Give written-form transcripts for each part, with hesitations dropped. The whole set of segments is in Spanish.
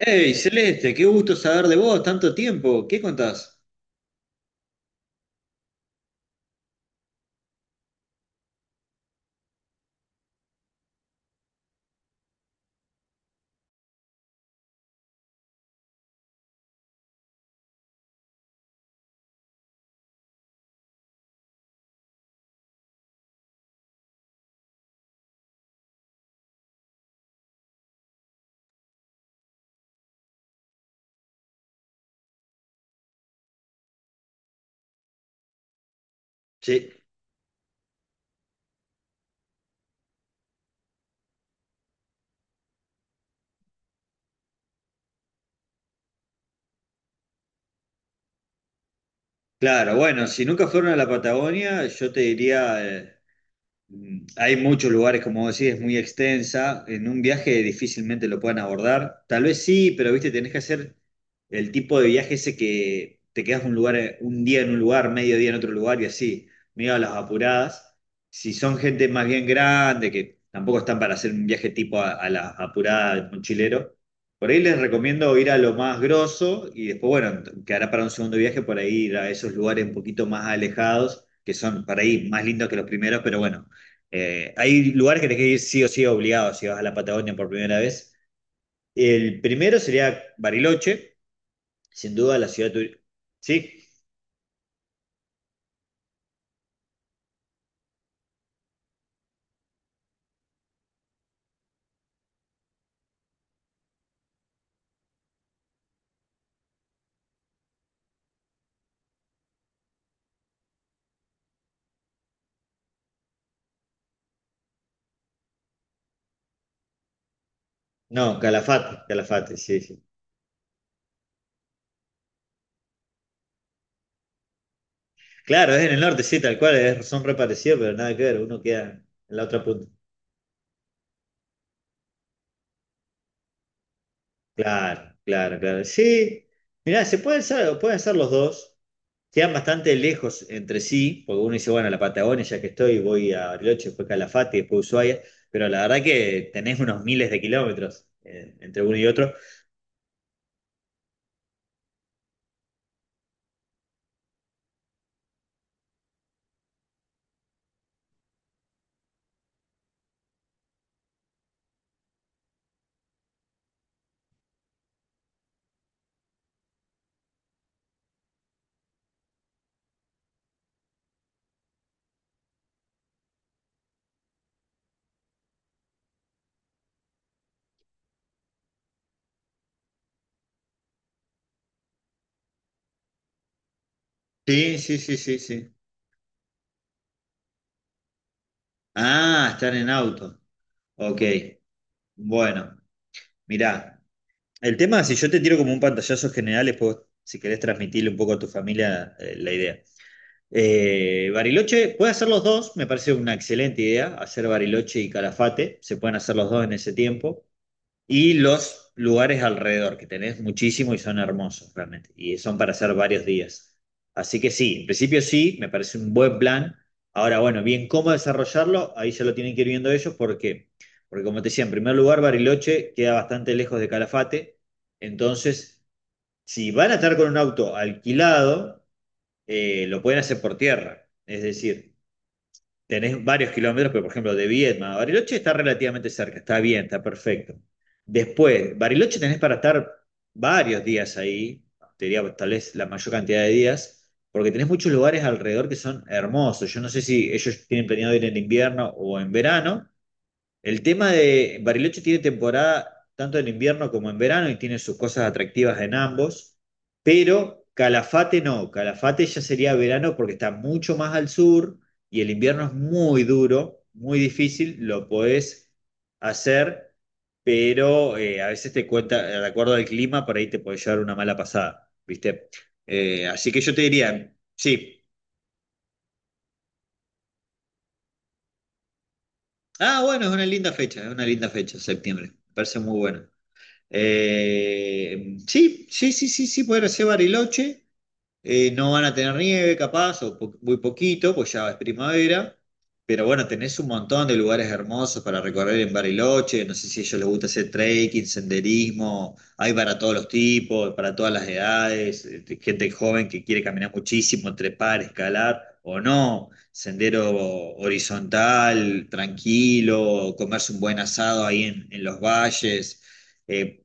Hey, Celeste, qué gusto saber de vos, tanto tiempo. ¿Qué contás? Sí, claro, bueno, si nunca fueron a la Patagonia, yo te diría, hay muchos lugares, como decís, es muy extensa. En un viaje difícilmente lo puedan abordar. Tal vez sí, pero viste, tenés que hacer el tipo de viaje ese que te quedas un lugar, un día en un lugar, medio día en otro lugar y así, medio a las apuradas. Si son gente más bien grande, que tampoco están para hacer un viaje tipo a las apuradas del mochilero, por ahí les recomiendo ir a lo más grosso y después, bueno, quedará para un segundo viaje por ahí ir a esos lugares un poquito más alejados, que son para ahí más lindos que los primeros, pero bueno, hay lugares que tenés que ir sí o sí obligado si vas a la Patagonia por primera vez. El primero sería Bariloche, sin duda la ciudad turística. Sí, no, Calafate, Calafate, sí, sí. Claro, es en el norte, sí, tal cual, son re parecidos, pero nada que ver, uno queda en la otra punta. Claro, claro, claro. Sí, mirá, se pueden hacer, pueden ser los dos. Quedan bastante lejos entre sí, porque uno dice, bueno, la Patagonia, ya que estoy, voy a Bariloche, después Calafate, después Ushuaia, pero la verdad que tenés unos miles de kilómetros entre uno y otro. Sí, sí, sí, sí, sí. Ah, están en auto. Ok, bueno, mirá, el tema, si yo te tiro como un pantallazo general, después, si querés transmitirle un poco a tu familia, la idea. Bariloche, puede hacer los dos, me parece una excelente idea, hacer Bariloche y Calafate, se pueden hacer los dos en ese tiempo. Y los lugares alrededor, que tenés muchísimo y son hermosos realmente, y son para hacer varios días. Así que sí, en principio sí, me parece un buen plan. Ahora, bueno, bien, ¿cómo desarrollarlo? Ahí ya lo tienen que ir viendo ellos, ¿por qué? Porque como te decía, en primer lugar, Bariloche queda bastante lejos de Calafate, entonces, si van a estar con un auto alquilado, lo pueden hacer por tierra, es decir, tenés varios kilómetros, pero por ejemplo de Viedma a Bariloche está relativamente cerca, está bien, está perfecto. Después, Bariloche tenés para estar varios días ahí, te diría pues, tal vez la mayor cantidad de días, porque tenés muchos lugares alrededor que son hermosos. Yo no sé si ellos tienen planeado ir en invierno o en verano, el tema de Bariloche tiene temporada tanto en invierno como en verano y tiene sus cosas atractivas en ambos, pero Calafate no, Calafate ya sería verano porque está mucho más al sur y el invierno es muy duro, muy difícil, lo podés hacer, pero a veces te cuenta, de acuerdo al clima, por ahí te puede llevar una mala pasada, ¿viste? Así que yo te diría, sí. Ah, bueno, es una linda fecha, es una linda fecha, septiembre, me parece muy bueno. Sí, sí, sí, sí, sí, poder hacer Bariloche. No van a tener nieve, capaz, o muy poquito, pues ya es primavera. Pero bueno, tenés un montón de lugares hermosos para recorrer en Bariloche. No sé si a ellos les gusta hacer trekking, senderismo. Hay para todos los tipos, para todas las edades. Gente joven que quiere caminar muchísimo, trepar, escalar o no. Sendero horizontal, tranquilo, comerse un buen asado ahí en los valles. Eh,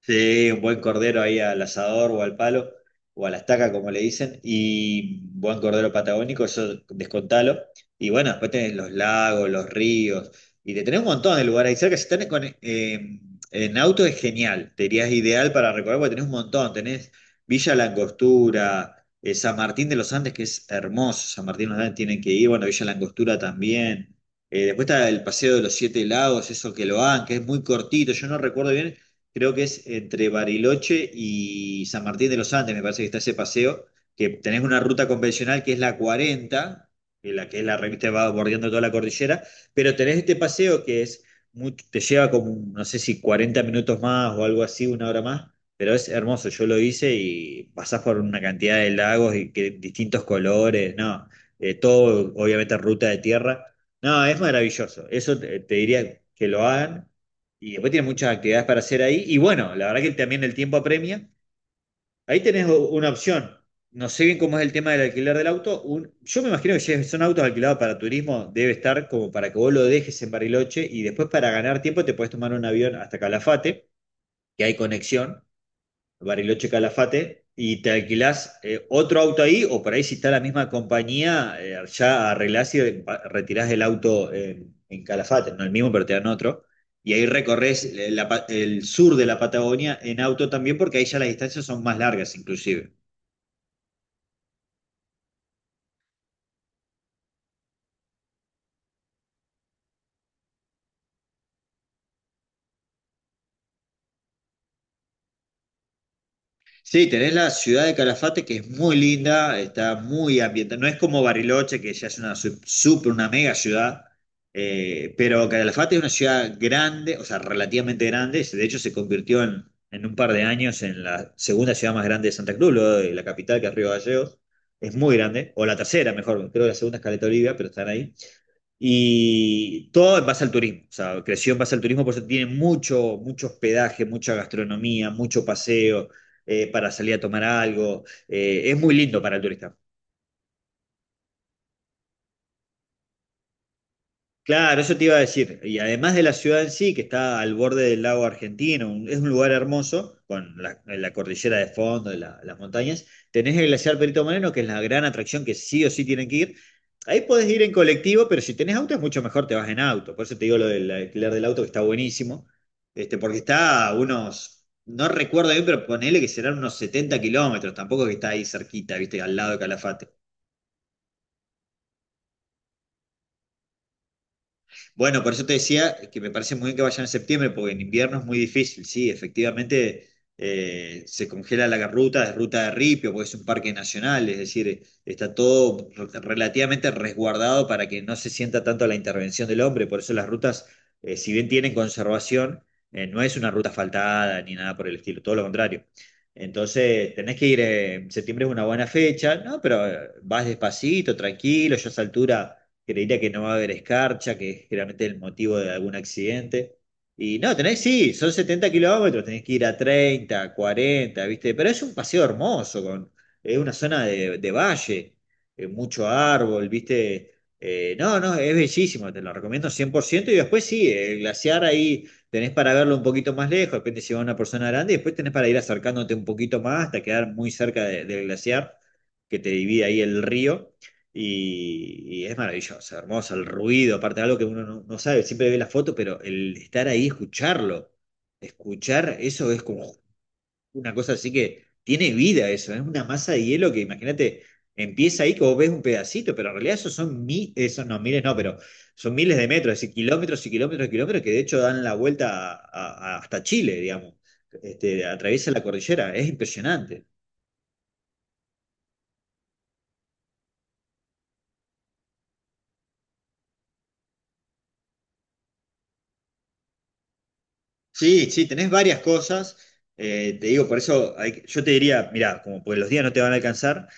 Sí, un buen cordero ahí al asador o al palo, o a la estaca, como le dicen, y buen cordero patagónico, eso descontalo. Y bueno, después tenés los lagos, los ríos, y te tenés un montón de lugares ahí cerca. Si estás con, en auto es genial, te dirías ideal para recorrer, porque tenés un montón. Tenés Villa La Angostura, San Martín de los Andes, que es hermoso, San Martín de los Andes tienen que ir, bueno, Villa La Angostura también. Después está el Paseo de los Siete Lagos, eso que lo hagan, que es muy cortito, yo no recuerdo bien, creo que es entre Bariloche y San Martín de los Andes, me parece que está ese paseo, que tenés una ruta convencional que es la 40, que la que es la revista va bordeando toda la cordillera, pero tenés este paseo que te lleva como, no sé si 40 minutos más o algo así, una hora más, pero es hermoso, yo lo hice y pasás por una cantidad de lagos y que, distintos colores, no, todo obviamente ruta de tierra. No, es maravilloso. Eso te diría que lo hagan. Y después tienes muchas actividades para hacer ahí. Y bueno, la verdad que también el tiempo apremia. Ahí tenés una opción. No sé bien cómo es el tema del alquiler del auto. Yo me imagino que si son autos alquilados para turismo, debe estar como para que vos lo dejes en Bariloche y después para ganar tiempo te podés tomar un avión hasta Calafate, que hay conexión. Bariloche Calafate, y te alquilás otro auto ahí, o por ahí si está la misma compañía, ya arreglás y retirás el auto en Calafate, no el mismo, pero te dan otro. Y ahí recorres el sur de la Patagonia en auto también, porque ahí ya las distancias son más largas, inclusive. Sí, tenés la ciudad de Calafate que es muy linda, está muy ambientada. No es como Bariloche, que ya es una super, una mega ciudad, pero Calafate es una ciudad grande, o sea, relativamente grande. De hecho, se convirtió en un par de años en la segunda ciudad más grande de Santa Cruz, luego de la capital, que es Río Gallegos. Es muy grande, o la tercera, mejor, creo que la segunda es Caleta Olivia, pero están ahí. Y todo en base al turismo, o sea, creció en base al turismo, por eso tiene mucho, mucho hospedaje, mucha gastronomía, mucho paseo para salir a tomar algo. Es muy lindo para el turista. Claro, eso te iba a decir. Y además de la ciudad en sí, que está al borde del lago argentino, es un lugar hermoso, con la cordillera de fondo, las montañas, tenés el glaciar Perito Moreno, que es la gran atracción que sí o sí tienen que ir. Ahí podés ir en colectivo, pero si tenés auto es mucho mejor, te vas en auto. Por eso te digo lo del alquiler del auto, que está buenísimo, este, porque está a unos, no recuerdo bien, pero ponele que serán unos 70 kilómetros, tampoco es que está ahí cerquita, viste, al lado de Calafate. Bueno, por eso te decía que me parece muy bien que vayan en septiembre, porque en invierno es muy difícil, sí, efectivamente se congela la ruta, es ruta de ripio, porque es un parque nacional, es decir, está todo relativamente resguardado para que no se sienta tanto la intervención del hombre, por eso las rutas, si bien tienen conservación, no es una ruta asfaltada ni nada por el estilo, todo lo contrario. Entonces, tenés que ir, septiembre es una buena fecha, ¿no? Pero vas despacito, tranquilo, yo a esa altura creería que no va a haber escarcha, que es generalmente el motivo de algún accidente. Y no, tenés, sí, son 70 kilómetros, tenés que ir a 30, 40, ¿viste? Pero es un paseo hermoso, con, es una zona de valle, mucho árbol, ¿viste? No, no, es bellísimo, te lo recomiendo 100%. Y después sí, el glaciar ahí tenés para verlo un poquito más lejos, de repente si va una persona grande, y después tenés para ir acercándote un poquito más hasta quedar muy cerca del glaciar que te divide ahí el río. Y es maravilloso, hermoso, el ruido, aparte algo que uno no, no sabe, siempre ve la foto, pero el estar ahí, escucharlo, escuchar eso es como una cosa así que tiene vida eso, es una masa de hielo que imagínate, empieza ahí que vos ves un pedacito, pero en realidad esos no, miles no, pero son miles de metros, es decir, kilómetros y kilómetros y kilómetros que de hecho dan la vuelta hasta Chile, digamos, este, atraviesa la cordillera, es impresionante. Sí, sí, tenés varias cosas. Te digo, por eso yo te diría, mirá, como pues los días no te van a alcanzar,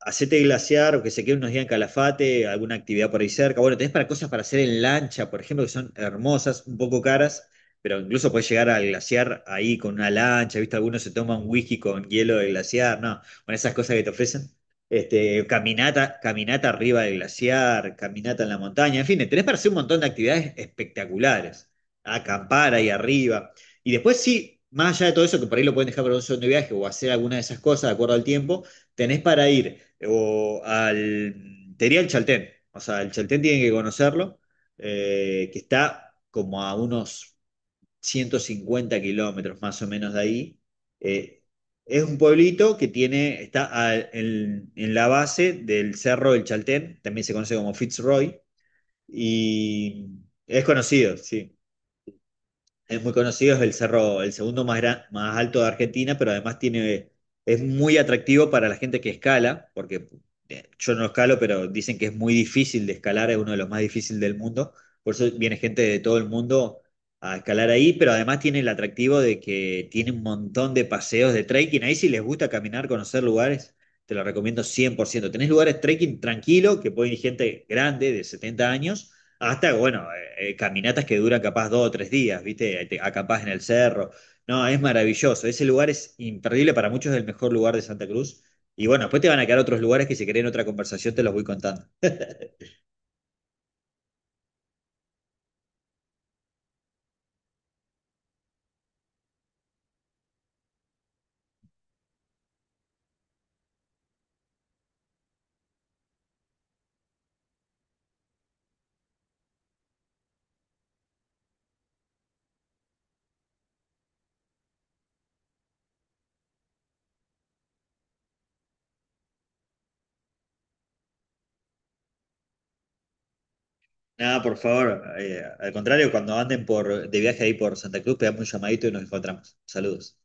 hacete glaciar o que se quede unos días en Calafate, alguna actividad por ahí cerca. Bueno, tenés para cosas para hacer en lancha, por ejemplo, que son hermosas, un poco caras, pero incluso podés llegar al glaciar ahí con una lancha, ¿viste? Algunos se toman whisky con hielo de glaciar, no, bueno, esas cosas que te ofrecen. Este, caminata, caminata arriba del glaciar, caminata en la montaña, en fin, tenés para hacer un montón de actividades espectaculares, acampar ahí arriba. Y después sí, más allá de todo eso, que por ahí lo pueden dejar para un segundo viaje o hacer alguna de esas cosas de acuerdo al tiempo, tenés para ir, te diría el Chaltén, o sea, el Chaltén tienen que conocerlo, que está como a unos 150 kilómetros más o menos de ahí. Eh, es un pueblito que tiene, está en la base del cerro del Chaltén, también se conoce como Fitzroy, y es conocido, sí. Es muy conocido, es el cerro, el segundo más, más alto de Argentina, pero además tiene, es muy atractivo para la gente que escala, porque yo no escalo, pero dicen que es muy difícil de escalar, es uno de los más difíciles del mundo. Por eso viene gente de todo el mundo a escalar ahí, pero además tiene el atractivo de que tiene un montón de paseos de trekking. Ahí si les gusta caminar, conocer lugares, te lo recomiendo cien por ciento. Tenés lugares trekking tranquilo, que puede ir gente grande de 70 años hasta, bueno, caminatas que duran capaz dos o tres días, ¿viste? Te acampás en el cerro. No, es maravilloso. Ese lugar es imperdible, para muchos es el mejor lugar de Santa Cruz. Y bueno, después te van a quedar otros lugares que si querés en otra conversación te los voy contando. Nada, por favor, al contrario, cuando anden por, de viaje ahí por Santa Cruz, pegamos un llamadito y nos encontramos. Saludos.